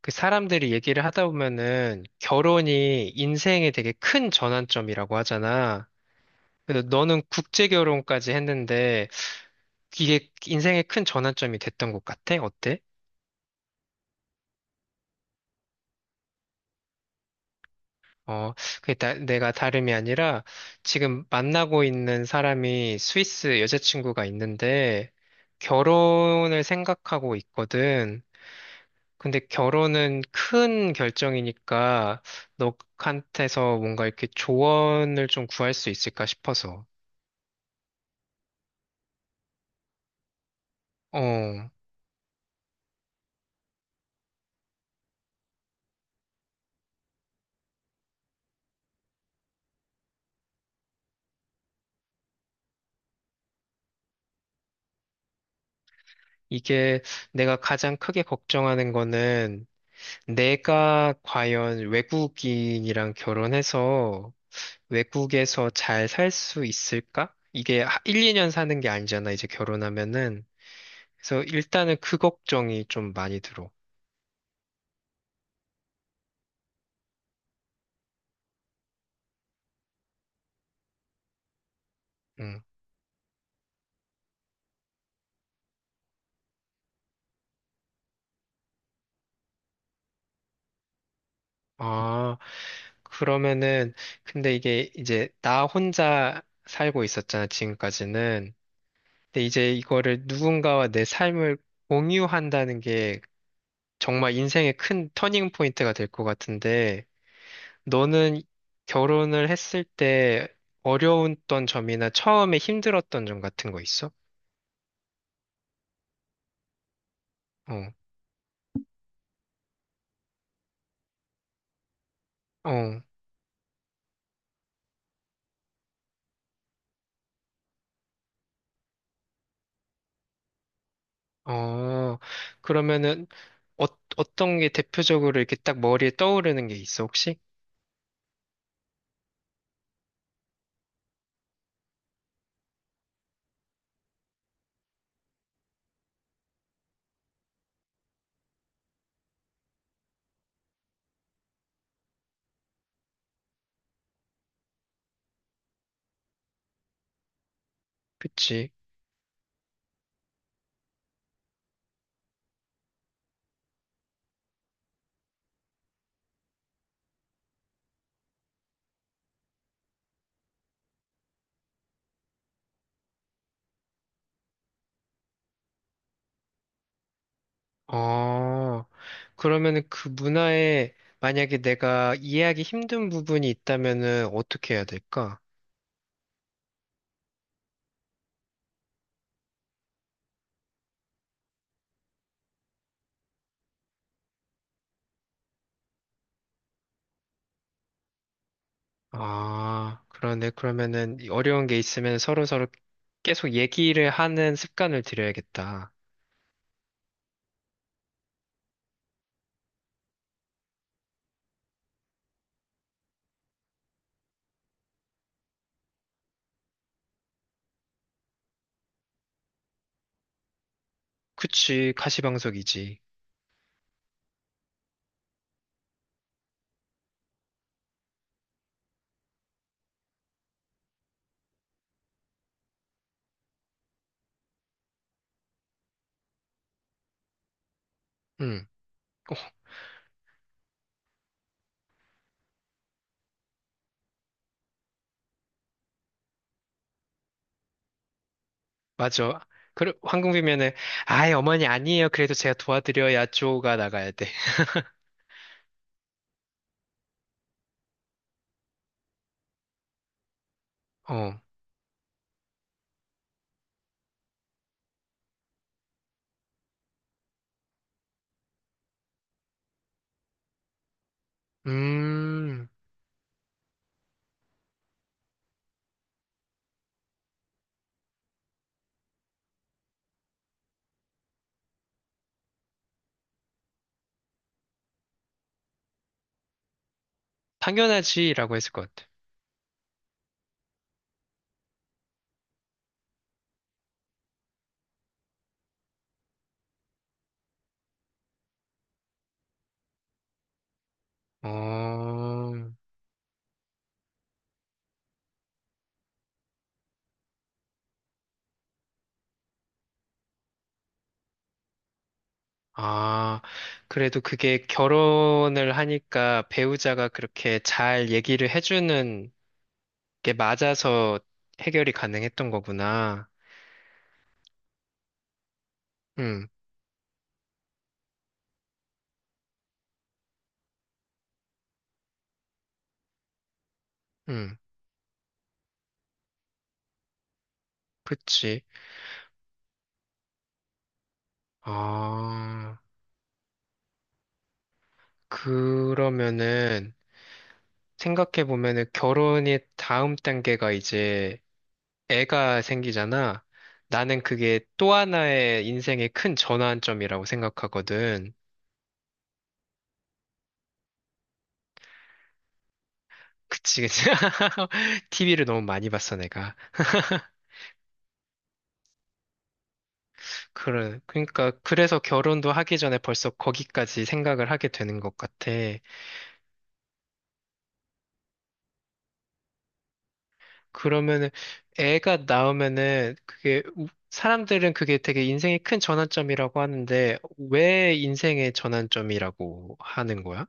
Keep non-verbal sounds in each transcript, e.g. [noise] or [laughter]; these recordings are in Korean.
그 사람들이 얘기를 하다 보면은 결혼이 인생에 되게 큰 전환점이라고 하잖아. 그래서 너는 국제 결혼까지 했는데 이게 인생의 큰 전환점이 됐던 것 같아? 어때? 어, 내가 다름이 아니라 지금 만나고 있는 사람이 스위스 여자친구가 있는데 결혼을 생각하고 있거든. 근데 결혼은 큰 결정이니까 너한테서 뭔가 이렇게 조언을 좀 구할 수 있을까 싶어서. 어, 이게 내가 가장 크게 걱정하는 거는 내가 과연 외국인이랑 결혼해서 외국에서 잘 살 수 있을까? 이게 1, 2년 사는 게 아니잖아, 이제 결혼하면은. 그래서 일단은 그 걱정이 좀 많이 들어. 응. 아, 그러면은. 근데 이게 이제 나 혼자 살고 있었잖아, 지금까지는. 근데 이제 이거를 누군가와 내 삶을 공유한다는 게 정말 인생의 큰 터닝 포인트가 될 것 같은데, 너는 결혼을 했을 때 어려웠던 점이나 처음에 힘들었던 점 같은 거 있어? 어, 어, 어. 그러면은 어, 어떤 게 대표적으로 이렇게 딱 머리에 떠오르는 게 있어, 혹시? 그치? 어, 그러면은 그 문화에 만약에 내가 이해하기 힘든 부분이 있다면은 어떻게 해야 될까? 아, 그러네. 그러면은 이 어려운 게 있으면 서로서로 계속 얘기를 하는 습관을 들여야겠다. 그치, 가시방석이지. 응, 어, 맞아. 그래, 황금비면은, 아이, 어머니 아니에요. 그래도 제가 도와드려야 쪼가 나가야 돼. [laughs] 어, 음, 당연하지라고 했을 것 같아. 어, 아, 그래도 그게 결혼을 하니까 배우자가 그렇게 잘 얘기를 해주는 이게 맞아서 해결이 가능했던 거구나. 응. 응. 그치. 아, 그러면은 생각해보면은 결혼이 다음 단계가 이제 애가 생기잖아. 나는 그게 또 하나의 인생의 큰 전환점이라고 생각하거든. 그치, 그치. [laughs] TV를 너무 많이 봤어, 내가. 그래, 그러니까, 그래서 결혼도 하기 전에 벌써 거기까지 생각을 하게 되는 것 같아. 그러면은 애가 나오면은 그게 사람들은 그게 되게 인생의 큰 전환점이라고 하는데 왜 인생의 전환점이라고 하는 거야?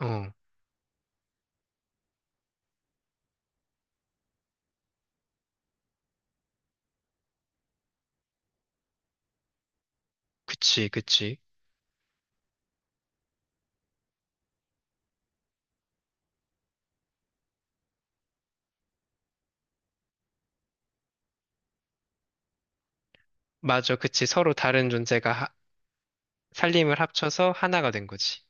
어, 그치, 그치. 맞아, 그치. 서로 다른 존재가 살림을 합쳐서 하나가 된 거지.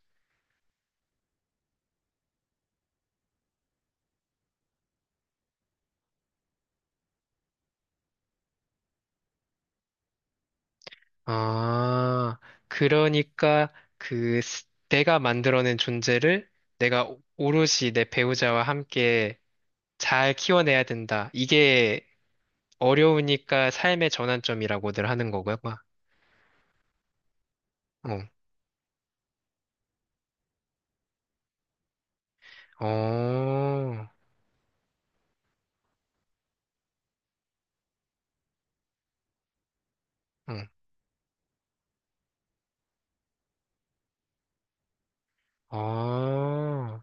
아, 그러니까 내가 만들어낸 존재를 내가 오롯이 내 배우자와 함께 잘 키워내야 된다. 이게 어려우니까 삶의 전환점이라고들 하는 거고요. 어, 어, 응, 아, 어.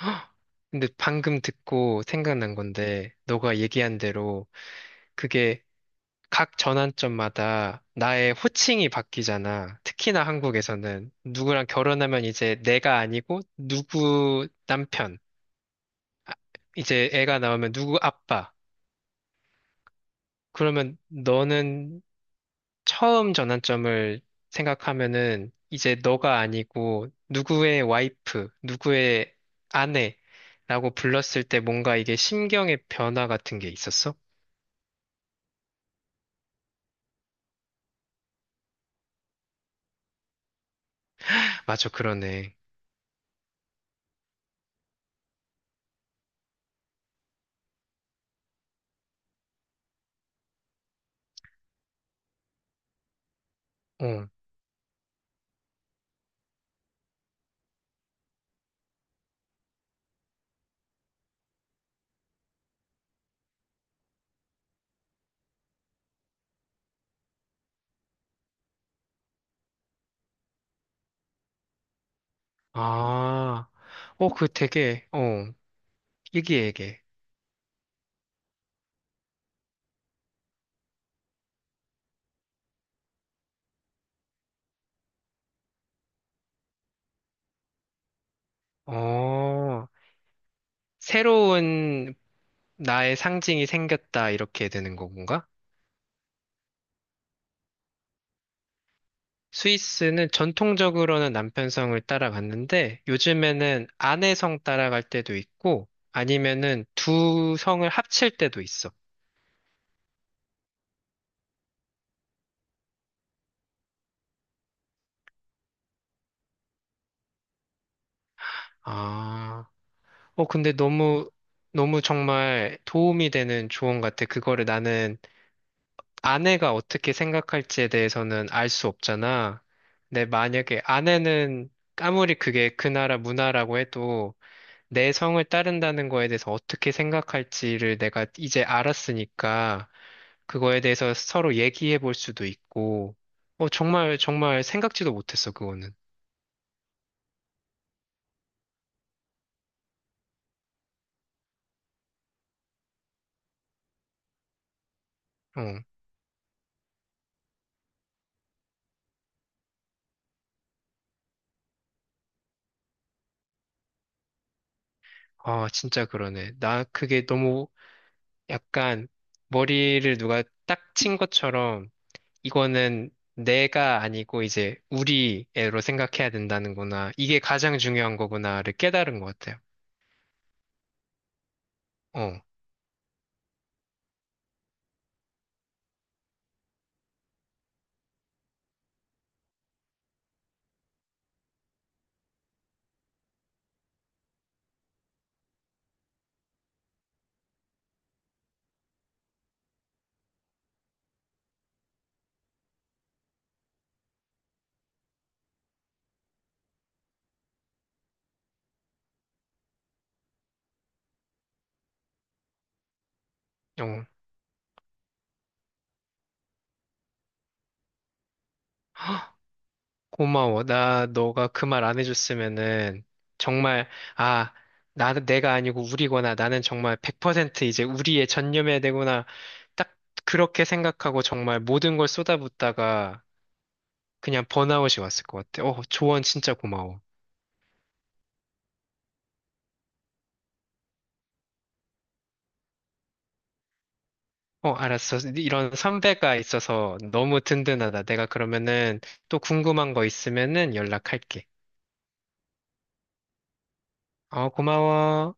헉! 근데 방금 듣고 생각난 건데, 너가 얘기한 대로 그게 각 전환점마다 나의 호칭이 바뀌잖아. 특히나 한국에서는 누구랑 결혼하면 이제 내가 아니고 누구 남편, 이제 애가 나오면 누구 아빠. 그러면 너는 처음 전환점을 생각하면은 이제 너가 아니고 누구의 와이프, 누구의 아내라고 불렀을 때 뭔가 이게 심경의 변화 같은 게 있었어? 맞아, 그러네. 어. 아, 어, 그 되게, 어, 얘기해, 얘기해. 어, 새로운 나의 상징이 생겼다, 이렇게 되는 건가? 스위스는 전통적으로는 남편성을 따라갔는데 요즘에는 아내성 따라갈 때도 있고 아니면은 두 성을 합칠 때도 있어. 아, 근데 너무, 너무 정말 도움이 되는 조언 같아. 그거를 나는 아내가 어떻게 생각할지에 대해서는 알 수 없잖아. 근데 만약에 아내는 아무리 그게 그 나라 문화라고 해도 내 성을 따른다는 거에 대해서 어떻게 생각할지를 내가 이제 알았으니까 그거에 대해서 서로 얘기해 볼 수도 있고, 정말, 정말 생각지도 못했어, 그거는. 어, 아, 진짜 그러네. 나 그게 너무 약간 머리를 누가 딱 친 것처럼 이거는 내가 아니고 이제 우리 애로 생각해야 된다는구나. 이게 가장 중요한 거구나를 깨달은 것 같아요. 어, 어. 고마워. 나 너가 그 말 안 해줬으면은 정말, 아, 나는 내가 아니고 우리구나. 나는 정말 100% 이제 우리에 전념해야 되구나. 딱 그렇게 생각하고 정말 모든 걸 쏟아붓다가 그냥 번아웃이 왔을 것 같아. 어, 조언 진짜 고마워. 어, 알았어. 이런 선배가 있어서 너무 든든하다. 내가 그러면은 또 궁금한 거 있으면은 연락할게. 어, 고마워.